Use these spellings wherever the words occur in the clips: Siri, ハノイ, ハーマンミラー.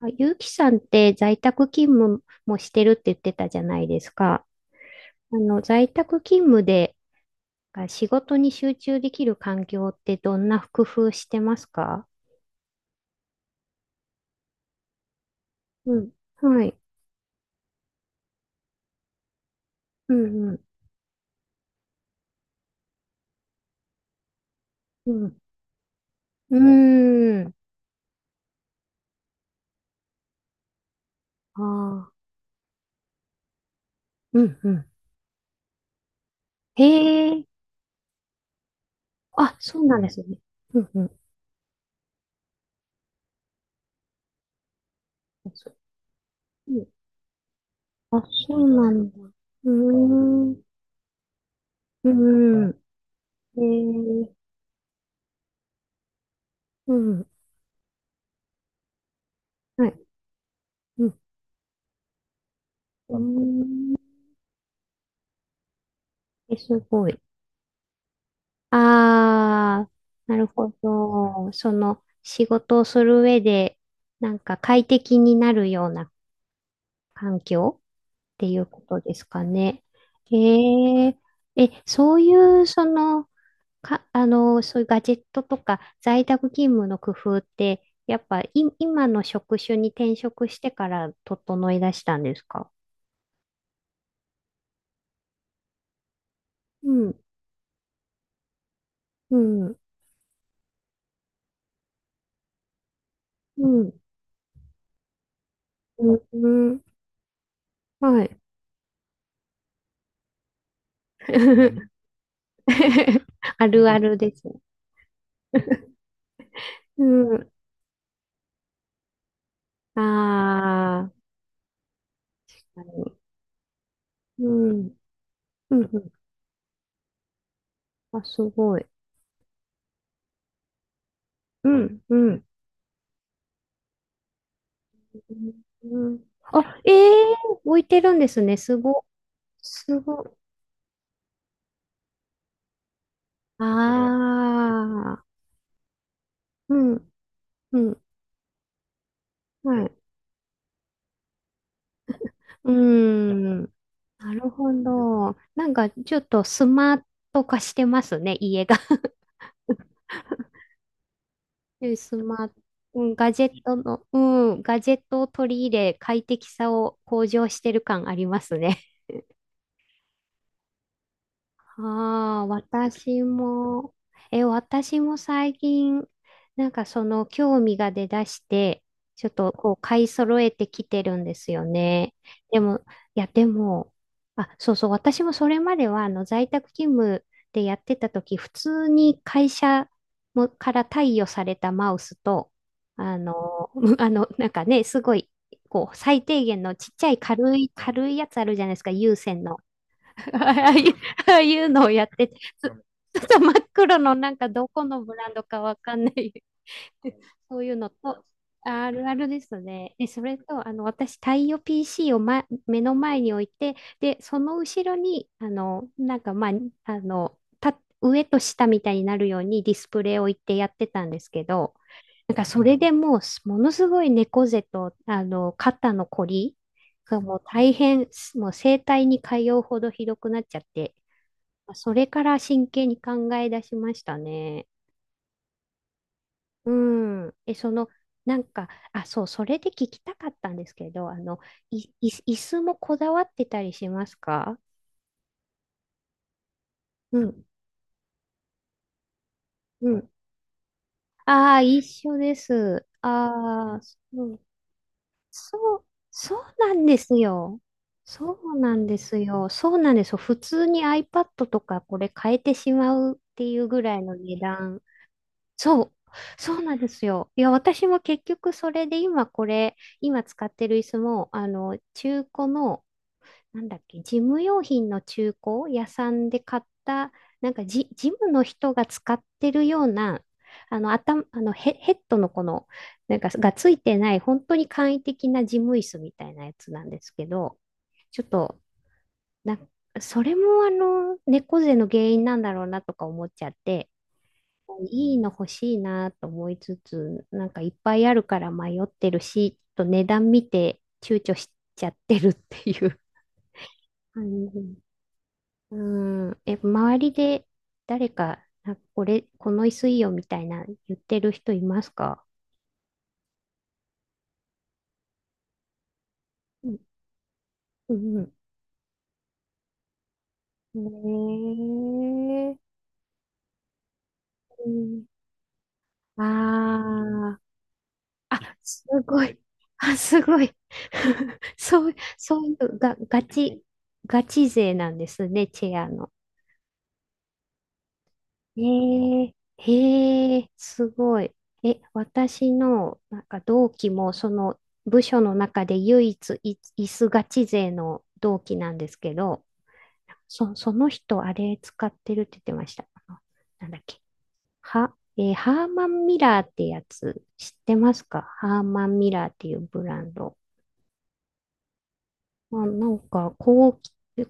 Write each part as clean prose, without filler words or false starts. あ、ゆうきさんって在宅勤務もしてるって言ってたじゃないですか。在宅勤務でが仕事に集中できる環境ってどんな工夫してますか？うん。はい。うん、うん、うん。うーん。ああ。うん、うん。へえ。あ、そうなんですね。うん、うん。そうん、あ、そうなんだ。うーん。うーん。へえ。うん。はい。うん。うーん。え、すごい。ああ、なるほど。その仕事をする上で、なんか快適になるような環境っていうことですかね。えー、え、そういう、その、か、そういうガジェットとか在宅勤務の工夫って、やっぱい、今の職種に転職してから整い出したんですか？うん、うん、うん、うん、うん、はい。あるあるですね。うん。ああ、確かに、うん。うん。うん、あ、すごい。うん。うん。うん。あ、ええ、置いてるんですね。すご。すご。ああ、うん。うん。はい。うん。なるほど。なんか、ちょっとスマート化してますね、家が。うん、スマート、うん、ガジェットの、うん、ガジェットを取り入れ、快適さを向上してる感ありますね。ああ、私も、え、私も最近、なんかその興味が出だして、ちょっとこう買い揃えてきてるんですよね。でも、いや、でも、あ、そうそう、私もそれまでは在宅勤務でやってた時、普通に会社もから貸与されたマウスと、あの、なんかね、すごい、こう、最低限のちっちゃい軽い、軽いやつあるじゃないですか、有線の。ああいう、ああいうのをやってて、ずっと真っ黒のなんかどこのブランドかわかんない、 そういうのと、あるあるですね。で、それと、私、太陽 PC を、ま、目の前に置いて、で、その後ろに、なんか、まあ、た、上と下みたいになるようにディスプレイを置いてやってたんですけど、なんかそれでもうものすごい猫背と、肩のこりがもう大変、もう整体に通うほどひどくなっちゃって、まあそれから真剣に考え出しましたね。うん。え、その、なんか、あ、そう、それで聞きたかったんですけど、い、い、椅子もこだわってたりしますか？うん、うん。ああ、一緒です。ああ、そうそう、そうなんですよ。そうなんですよ。そうなんですよ。普通に iPad とかこれ変えてしまうっていうぐらいの値段。そう、そうなんですよ。いや、私も結局それで今これ、今使ってる椅子も、中古のなんだっけ、事務用品の中古屋さんで買った、なんかジ、ジムの人が使ってるような、頭、あのヘ、ヘッドのこの、なんかがついてない、本当に簡易的な事務椅子みたいなやつなんですけど、ちょっと、な、それも猫背の原因なんだろうなとか思っちゃって、いいの欲しいなと思いつつ、なんかいっぱいあるから迷ってるし、ちょっと値段見て躊躇しちゃってるっていう感じ。うん、え、周りで誰か、なんかこれ、この椅子いいよみたいな言ってる人いますか？うん、うん、ねえ。うん、あー、あ、すごい。あ、すごい。そう、そういうが、ガチ、ガチ勢なんですね、チェアの。ええ、へえ、すごい。え、私の、なんか同期も、その部署の中で唯一い、椅子ガチ勢の同期なんですけど、そ、その人、あれ使ってるって言ってました。なんだっけ。は、えーハーマンミラーってやつ、知ってますか？ハーマンミラーっていうブランド。まあ、なんか高、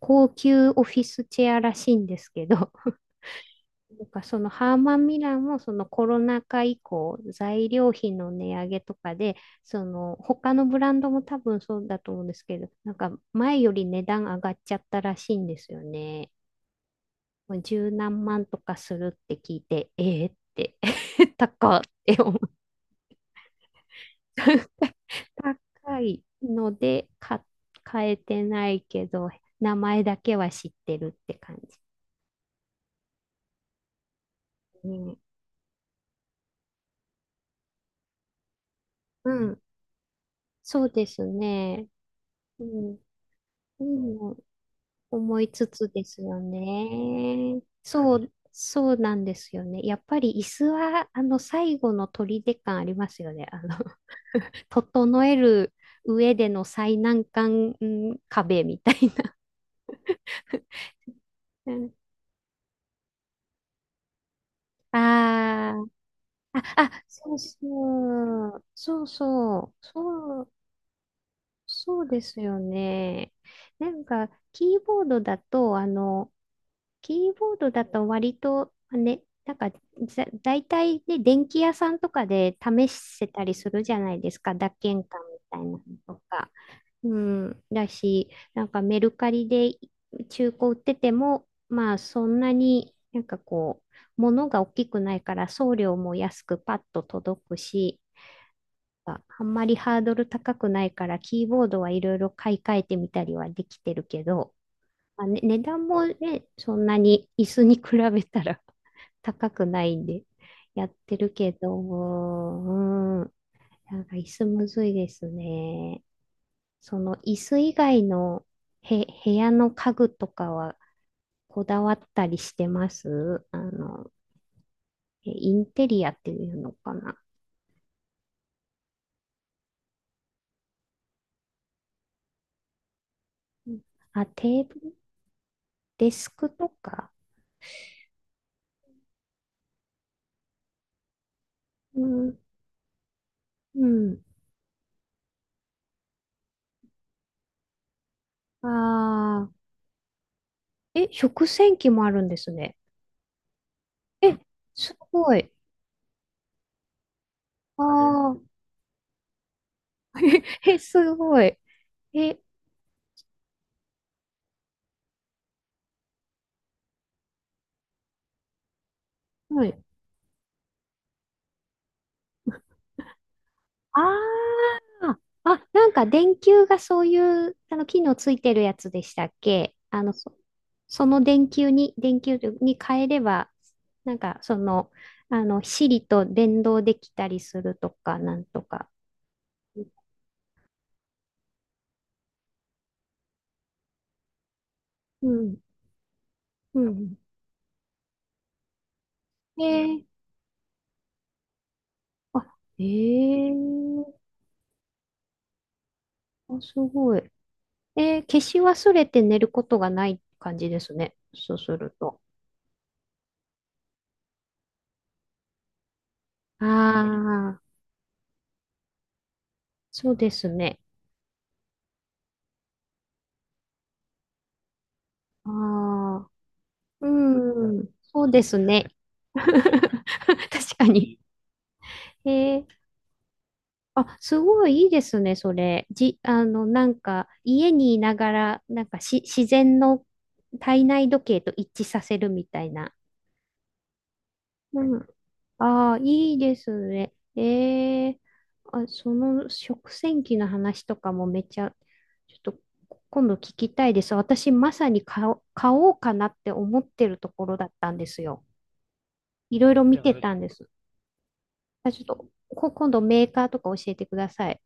高級オフィスチェアらしいんですけど、なんかそのハーマン・ミラーもそのコロナ禍以降材料費の値上げとかでその他のブランドも多分そうだと思うんですけど、なんか前より値段上がっちゃったらしいんですよね。もう十何万とかするって聞いてえー、って 高っって思う、高いので買、買えてないけど名前だけは知ってるって感じ。うん、うん、そうですね。うん、でも思いつつですよね。はそう、い、そうなんですよね。やっぱり椅子は、最後の砦感ありますよね。整える上での最難関、うん、壁みたいな。ああー、あ、そうそう、そうそう、そう、そうですよね。なんか、キーボードだと、キーボードだと割とね、なんかざ大体ね、電気屋さんとかで試せたりするじゃないですか、脱鍵感みたいなのとか。うん、だし、なんかメルカリで中古売ってても、まあそんなになんかこう、物が大きくないから送料も安くパッと届くし、ああんまりハードル高くないから、キーボードはいろいろ買い替えてみたりはできてるけど、まあね、値段もね、そんなに椅子に比べたら 高くないんで、やってるけど、うん、なんか椅子むずいですね。その椅子以外のへ、部屋の家具とかはこだわったりしてますあの、えインテリアっていうのかな。うん、あ、テーブル、デスクとか。うん、うん。ああ、え、食洗機もあるんですね。え、すごい。ああ、え、すごい。え、はい。ああ、あ、なんか電球がそういう、機能ついてるやつでしたっけ。あの、そ、その電球に、電球に変えれば、なんか、その、Siri と連動できたりするとか、なんとか。うん、うん。えー、あ、えー、あ、すごい。えー、消し忘れて寝ることがない感じですね。そうすると。ああ、そうですね。ああ、うん、そうですね。確かに。えー、あ、すごいいいですね、それ。じ、なんか、家にいながら、なんかし、自然の体内時計と一致させるみたいな。うん、ああ、いいですね。ええ、あ、その食洗機の話とかもめっちゃ、ちょっと今度聞きたいです。私、まさに買おう、買おうかなって思ってるところだったんですよ。いろいろい見や、てあれたんです。あ、ちょっと、こ今度メーカーとか教えてください。